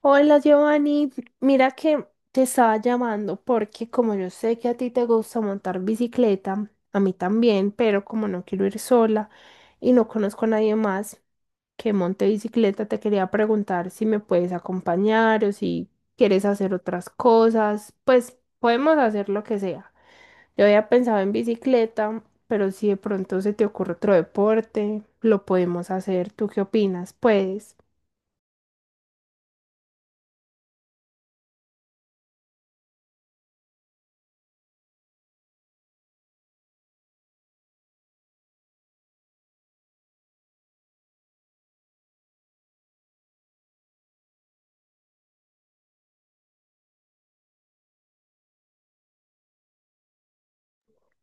Hola Giovanni, mira que te estaba llamando porque como yo sé que a ti te gusta montar bicicleta, a mí también, pero como no quiero ir sola y no conozco a nadie más que monte bicicleta, te quería preguntar si me puedes acompañar o si quieres hacer otras cosas, pues podemos hacer lo que sea. Yo había pensado en bicicleta, pero si de pronto se te ocurre otro deporte, lo podemos hacer. ¿Tú qué opinas? Puedes.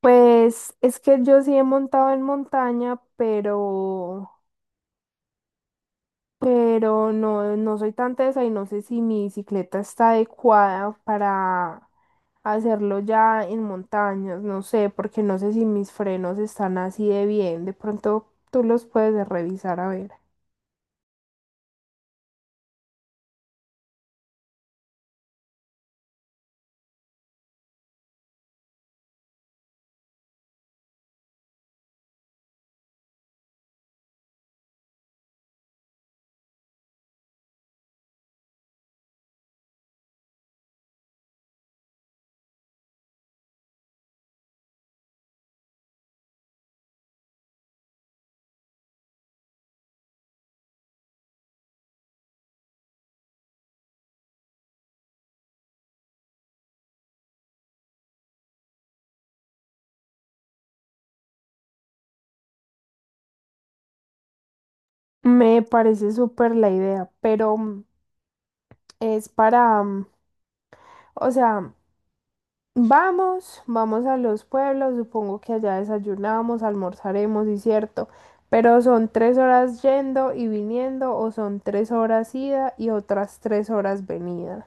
Pues es que yo sí he montado en montaña, pero no, no soy tan tesa y no sé si mi bicicleta está adecuada para hacerlo ya en montañas, no sé, porque no sé si mis frenos están así de bien. De pronto tú los puedes revisar a ver. Me parece súper la idea, pero es para, o sea, vamos, vamos a los pueblos, supongo que allá desayunamos, almorzaremos, y cierto, pero son 3 horas y viniendo o son 3 horas y otras 3 horas.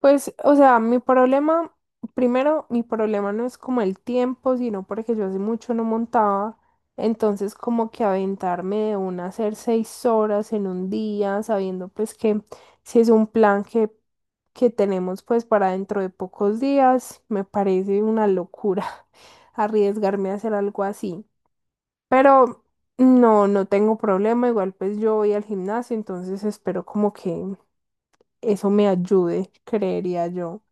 Pues, o sea, mi problema, primero, mi problema no es como el tiempo, sino porque yo hace mucho no montaba, entonces como que aventarme de una a hacer 6 horas en un día, sabiendo pues que si es un plan que tenemos pues para dentro de pocos días, me parece una locura arriesgarme a hacer algo así. Pero no, no tengo problema, igual pues yo voy al gimnasio, entonces espero como que eso me ayude, creería yo.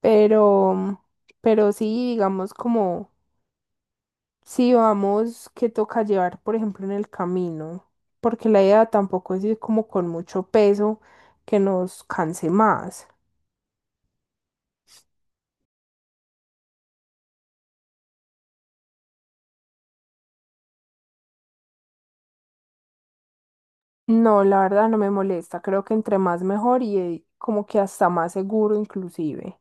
Pero, pero sí, digamos como, si vamos, que toca llevar, por ejemplo, en el camino, porque la idea tampoco es ir como con mucho peso que nos canse más. No, la verdad no me molesta, creo que entre más mejor y como que hasta más seguro inclusive.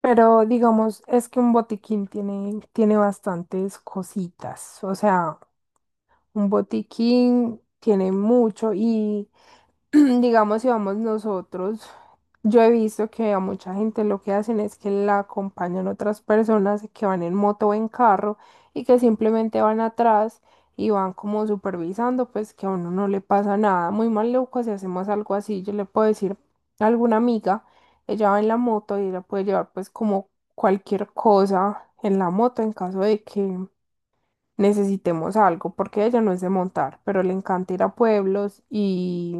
Pero digamos, es que un botiquín tiene bastantes cositas, o sea, un botiquín tiene mucho y... digamos, si vamos nosotros, yo he visto que a mucha gente lo que hacen es que la acompañan otras personas que van en moto o en carro y que simplemente van atrás y van como supervisando, pues que a uno no le pasa nada. Muy maluco si hacemos algo así, yo le puedo decir a alguna amiga, ella va en la moto y ella puede llevar pues como cualquier cosa en la moto en caso de que necesitemos algo, porque ella no es de montar, pero le encanta ir a pueblos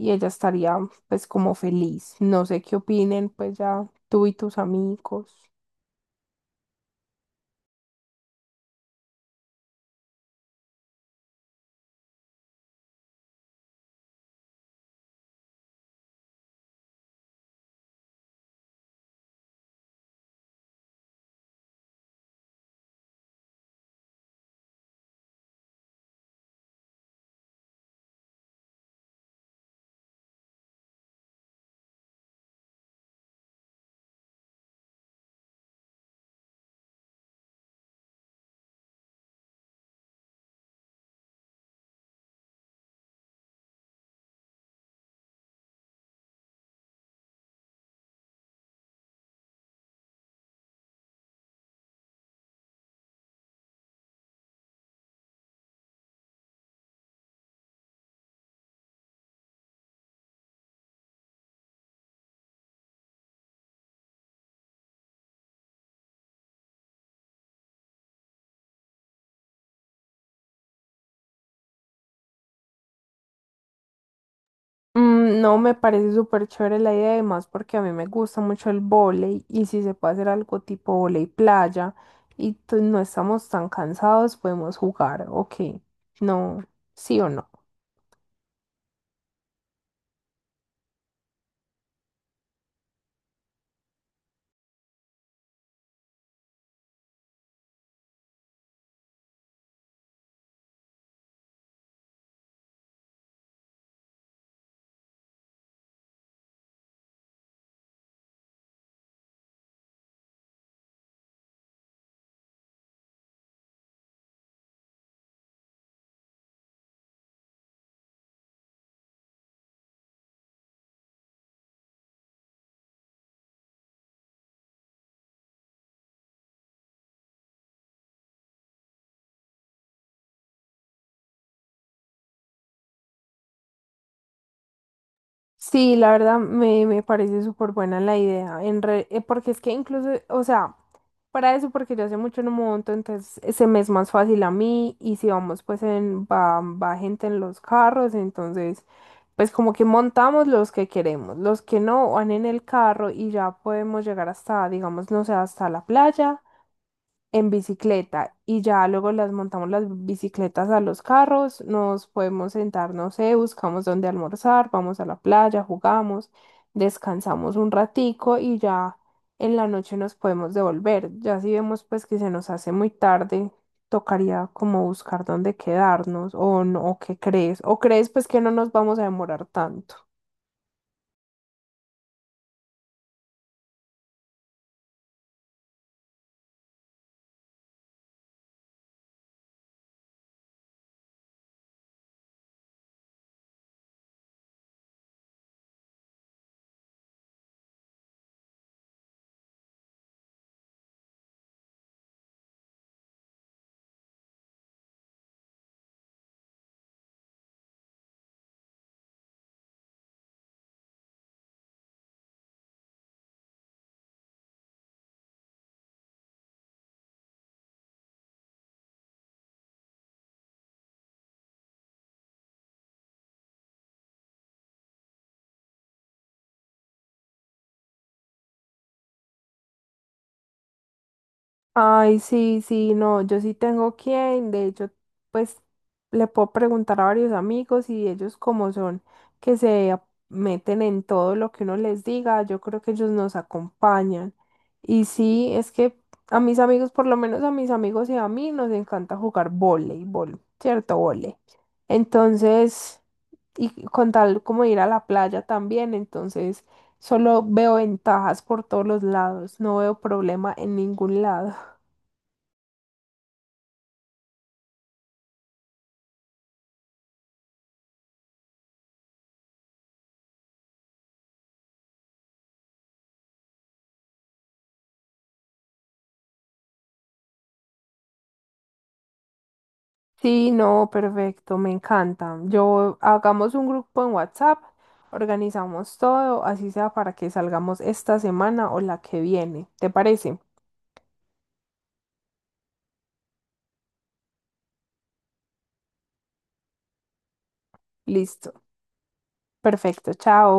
y ella estaría pues como feliz. No sé qué opinen, pues ya tú y tus amigos. Mm, no me parece súper chévere la idea, además porque a mí me gusta mucho el vóley y si se puede hacer algo tipo vóley playa y no estamos tan cansados, podemos jugar. Ok, no, sí o no. Sí, la verdad me parece súper buena la idea, en porque es que incluso, o sea, para eso, porque yo hace mucho no monto, entonces se me es más fácil a mí y si vamos pues en, va gente en los carros, entonces pues como que montamos los que queremos, los que no van en el carro y ya podemos llegar hasta, digamos, no sé, hasta la playa en bicicleta y ya luego las montamos las bicicletas a los carros, nos podemos sentar, no sé, buscamos dónde almorzar, vamos a la playa, jugamos, descansamos un ratico y ya en la noche nos podemos devolver. Ya si vemos pues que se nos hace muy tarde, tocaría como buscar dónde quedarnos o no, o qué crees, o crees pues que no nos vamos a demorar tanto. Ay, sí, sí, no, yo sí tengo quien, de hecho, pues le puedo preguntar a varios amigos y ellos como son, que se meten en todo lo que uno les diga, yo creo que ellos nos acompañan. Y sí, es que a mis amigos, por lo menos a mis amigos y a mí, nos encanta jugar voleibol, ¿cierto? Vole. Entonces, y con tal como ir a la playa también, entonces solo veo ventajas por todos los lados, no veo problema en ningún lado. Sí, no, perfecto, me encanta. Yo hagamos un grupo en WhatsApp, organizamos todo, así sea para que salgamos esta semana o la que viene. ¿Te parece? Listo. Perfecto, chao.